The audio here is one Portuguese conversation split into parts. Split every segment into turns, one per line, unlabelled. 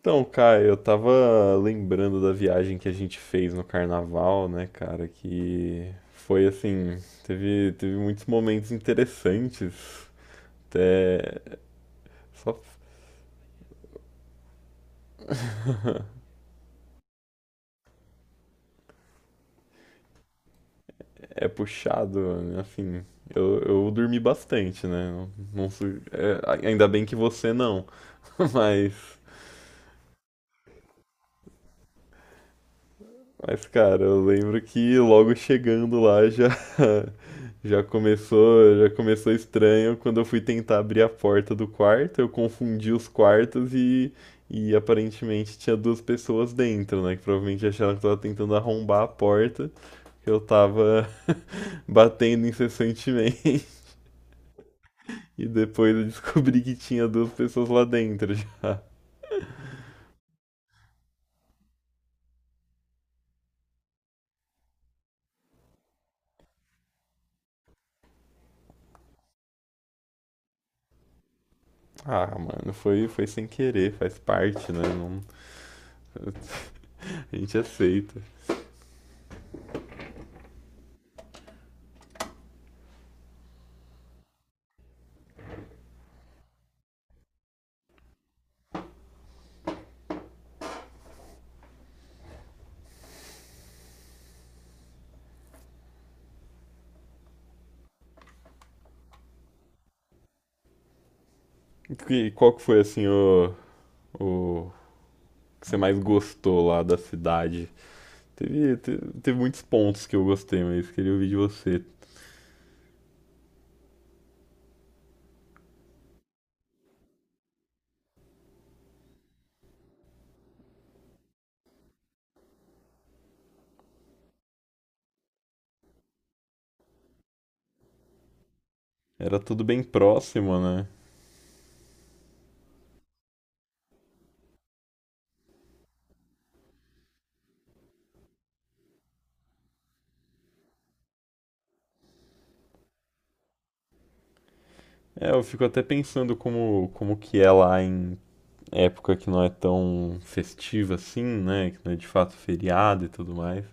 Então, cara, eu tava lembrando da viagem que a gente fez no carnaval, né, cara, que foi assim, teve muitos momentos interessantes, até só é puxado, né, assim, eu dormi bastante, né, não, é, ainda bem que você não. mas Mas, cara, eu lembro que logo chegando lá já já começou estranho quando eu fui tentar abrir a porta do quarto. Eu confundi os quartos e aparentemente tinha duas pessoas dentro, né, que provavelmente acharam que eu tava tentando arrombar a porta, que eu tava batendo incessantemente. E depois eu descobri que tinha duas pessoas lá dentro já. Ah, mano, foi sem querer, faz parte, né? Não, a gente aceita. E qual que foi assim o que você mais gostou lá da cidade? Teve muitos pontos que eu gostei, mas queria ouvir de você. Era tudo bem próximo, né? É, eu fico até pensando como que é lá em época que não é tão festiva assim, né? Que não é de fato feriado e tudo mais.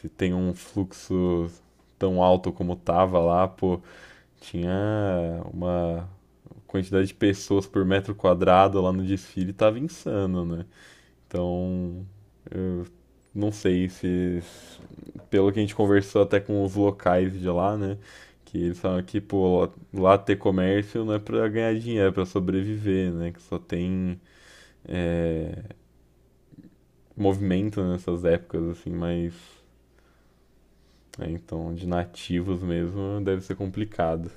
Se tem um fluxo tão alto como tava lá, pô, tinha uma quantidade de pessoas por metro quadrado lá no desfile, tava insano, né? Então, eu não sei se, pelo que a gente conversou até com os locais de lá, né? Que eles falam que, pô, lá ter comércio não é pra ganhar dinheiro, é pra sobreviver, né? Que só tem eh, movimento nessas épocas, assim, mas. É, então, de nativos mesmo deve ser complicado.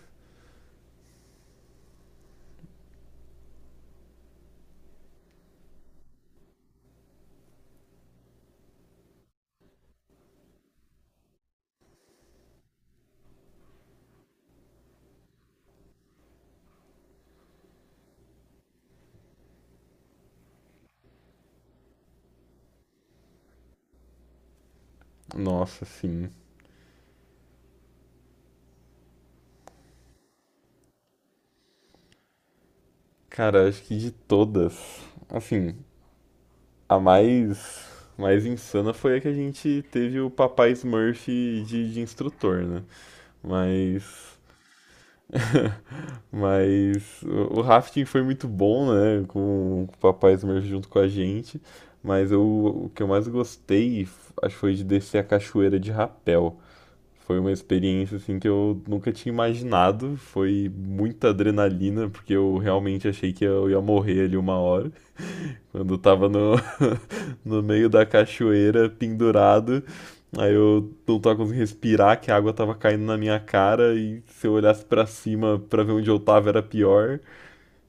Nossa, sim. Cara, acho que de todas. Assim, a mais insana foi a que a gente teve o papai Smurf de instrutor, né? Mas, mas o rafting foi muito bom, né? Com o papai Smurf junto com a gente. Mas eu, o que eu mais gostei, acho que foi de descer a cachoeira de rapel. Foi uma experiência assim que eu nunca tinha imaginado. Foi muita adrenalina, porque eu realmente achei que eu ia morrer ali uma hora. Quando eu tava no meio da cachoeira, pendurado, aí eu não tava conseguindo respirar, que a água tava caindo na minha cara, e se eu olhasse pra cima pra ver onde eu tava era pior.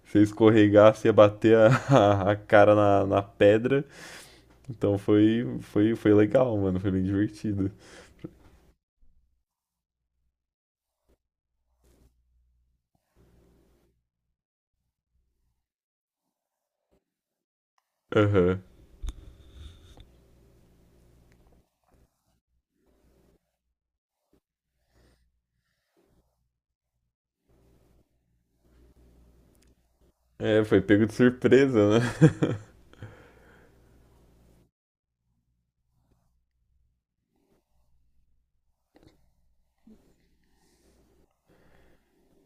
Se eu escorregasse, ia bater a cara na pedra. Então foi legal, mano, foi bem divertido. Aham. É, foi pego de surpresa, né?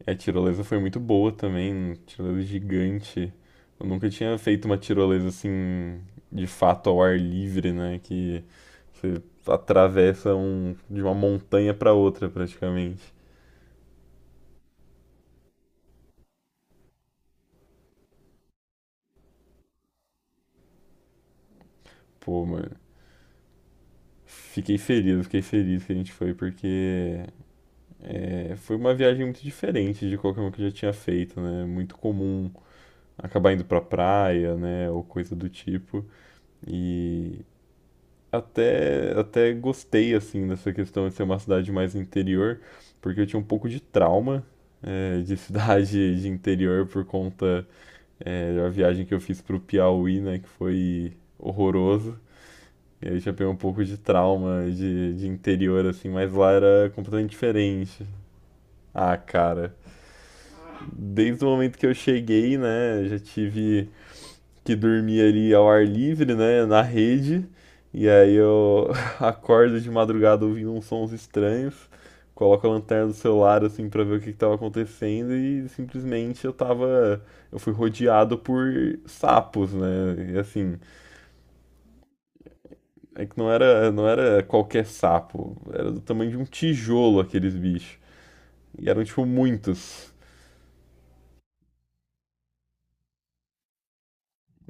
É, a tirolesa foi muito boa também, tirolesa gigante. Eu nunca tinha feito uma tirolesa assim, de fato ao ar livre, né? Que você atravessa um, de uma montanha pra outra praticamente. Pô, mano, fiquei feliz que a gente foi, porque é, foi uma viagem muito diferente de qualquer uma que eu já tinha feito, né? Muito comum acabar indo pra praia, né? Ou coisa do tipo. E até gostei assim dessa questão de ser uma cidade mais interior, porque eu tinha um pouco de trauma de cidade de interior por conta da viagem que eu fiz pro Piauí, né, que foi horroroso. E aí eu já peguei um pouco de trauma de, interior, assim, mas lá era completamente diferente. Ah, cara, desde o momento que eu cheguei, né, já tive que dormia ali ao ar livre, né, na rede, e aí eu acordo de madrugada ouvindo uns sons estranhos, coloco a lanterna do celular assim pra ver o que que tava acontecendo e simplesmente eu tava, eu fui rodeado por sapos, né? E assim, é que não era qualquer sapo, era do tamanho de um tijolo aqueles bichos. E eram tipo muitos.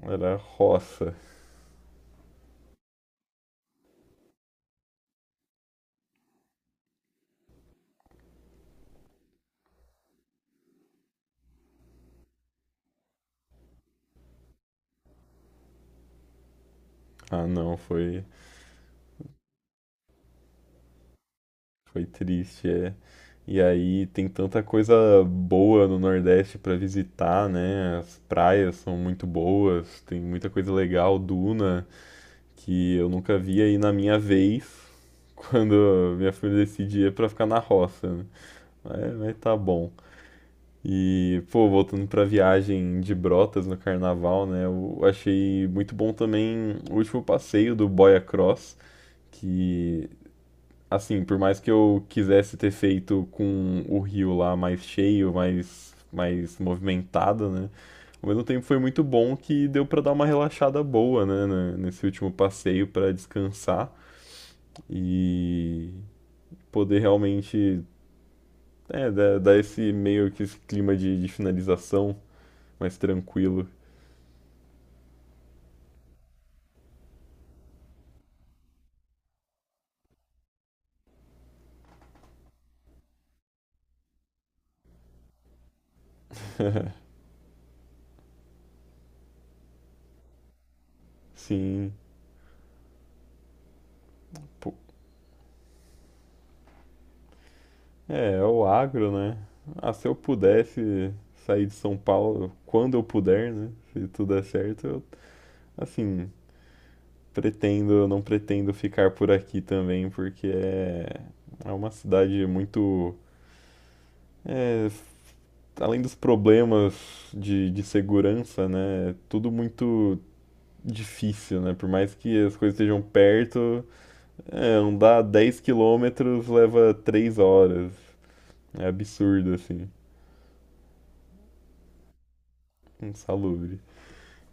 Era roça. Ah, não. Foi triste, é. E aí tem tanta coisa boa no Nordeste pra visitar, né? As praias são muito boas, tem muita coisa legal, duna, que eu nunca vi aí na minha vez, quando minha família decidia pra ficar na roça, né? Mas, tá bom. E, pô, voltando pra viagem de Brotas no carnaval, né? Eu achei muito bom também o último passeio do Boia Cross, que assim, por mais que eu quisesse ter feito com o rio lá mais cheio, mais movimentado, né? Ao mesmo tempo foi muito bom que deu pra dar uma relaxada boa, né, nesse último passeio pra descansar e poder realmente dar, esse meio que esse clima de, finalização mais tranquilo. Sim, pô, é o agro, né? Ah, se eu pudesse sair de São Paulo quando eu puder, né? Se tudo der certo, eu assim, pretendo, não pretendo ficar por aqui também, porque é, uma cidade muito, é, além dos problemas de segurança, né? É tudo muito difícil, né? Por mais que as coisas estejam perto, é, andar 10 km leva 3 horas. É absurdo, assim. Insalubre.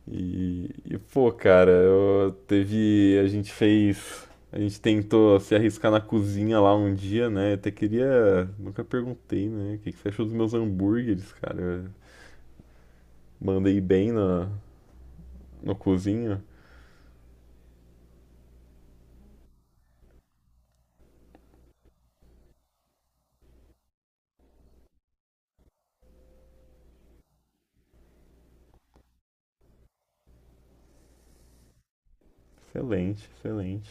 E, pô, cara, eu teve, a gente fez, a gente tentou se arriscar na cozinha lá um dia, né? Eu até queria, nunca perguntei, né? O que que você achou dos meus hambúrgueres, cara? Eu mandei bem no cozinho. Excelente, excelente.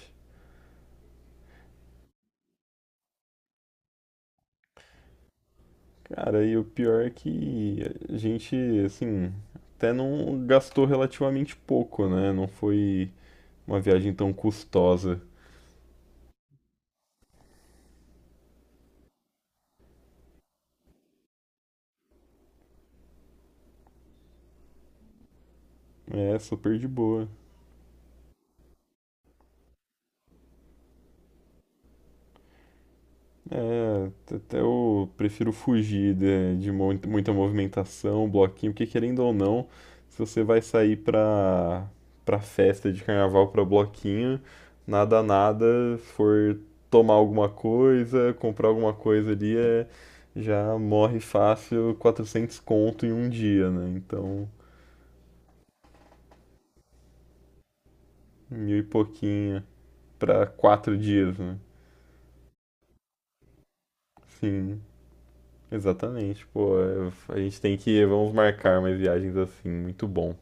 Cara, e o pior é que a gente, assim, até não gastou relativamente pouco, né? Não foi uma viagem tão custosa. É, super de boa. É, até eu prefiro fugir de muita movimentação, bloquinho, porque querendo ou não, se você vai sair pra festa de carnaval, pra bloquinho, nada, se for tomar alguma coisa, comprar alguma coisa ali, é, já morre fácil 400 conto em um dia, né? Então, mil e pouquinho pra 4 dias, né? Sim, exatamente, pô, é, a gente tem que, vamos marcar umas viagens assim, muito bom.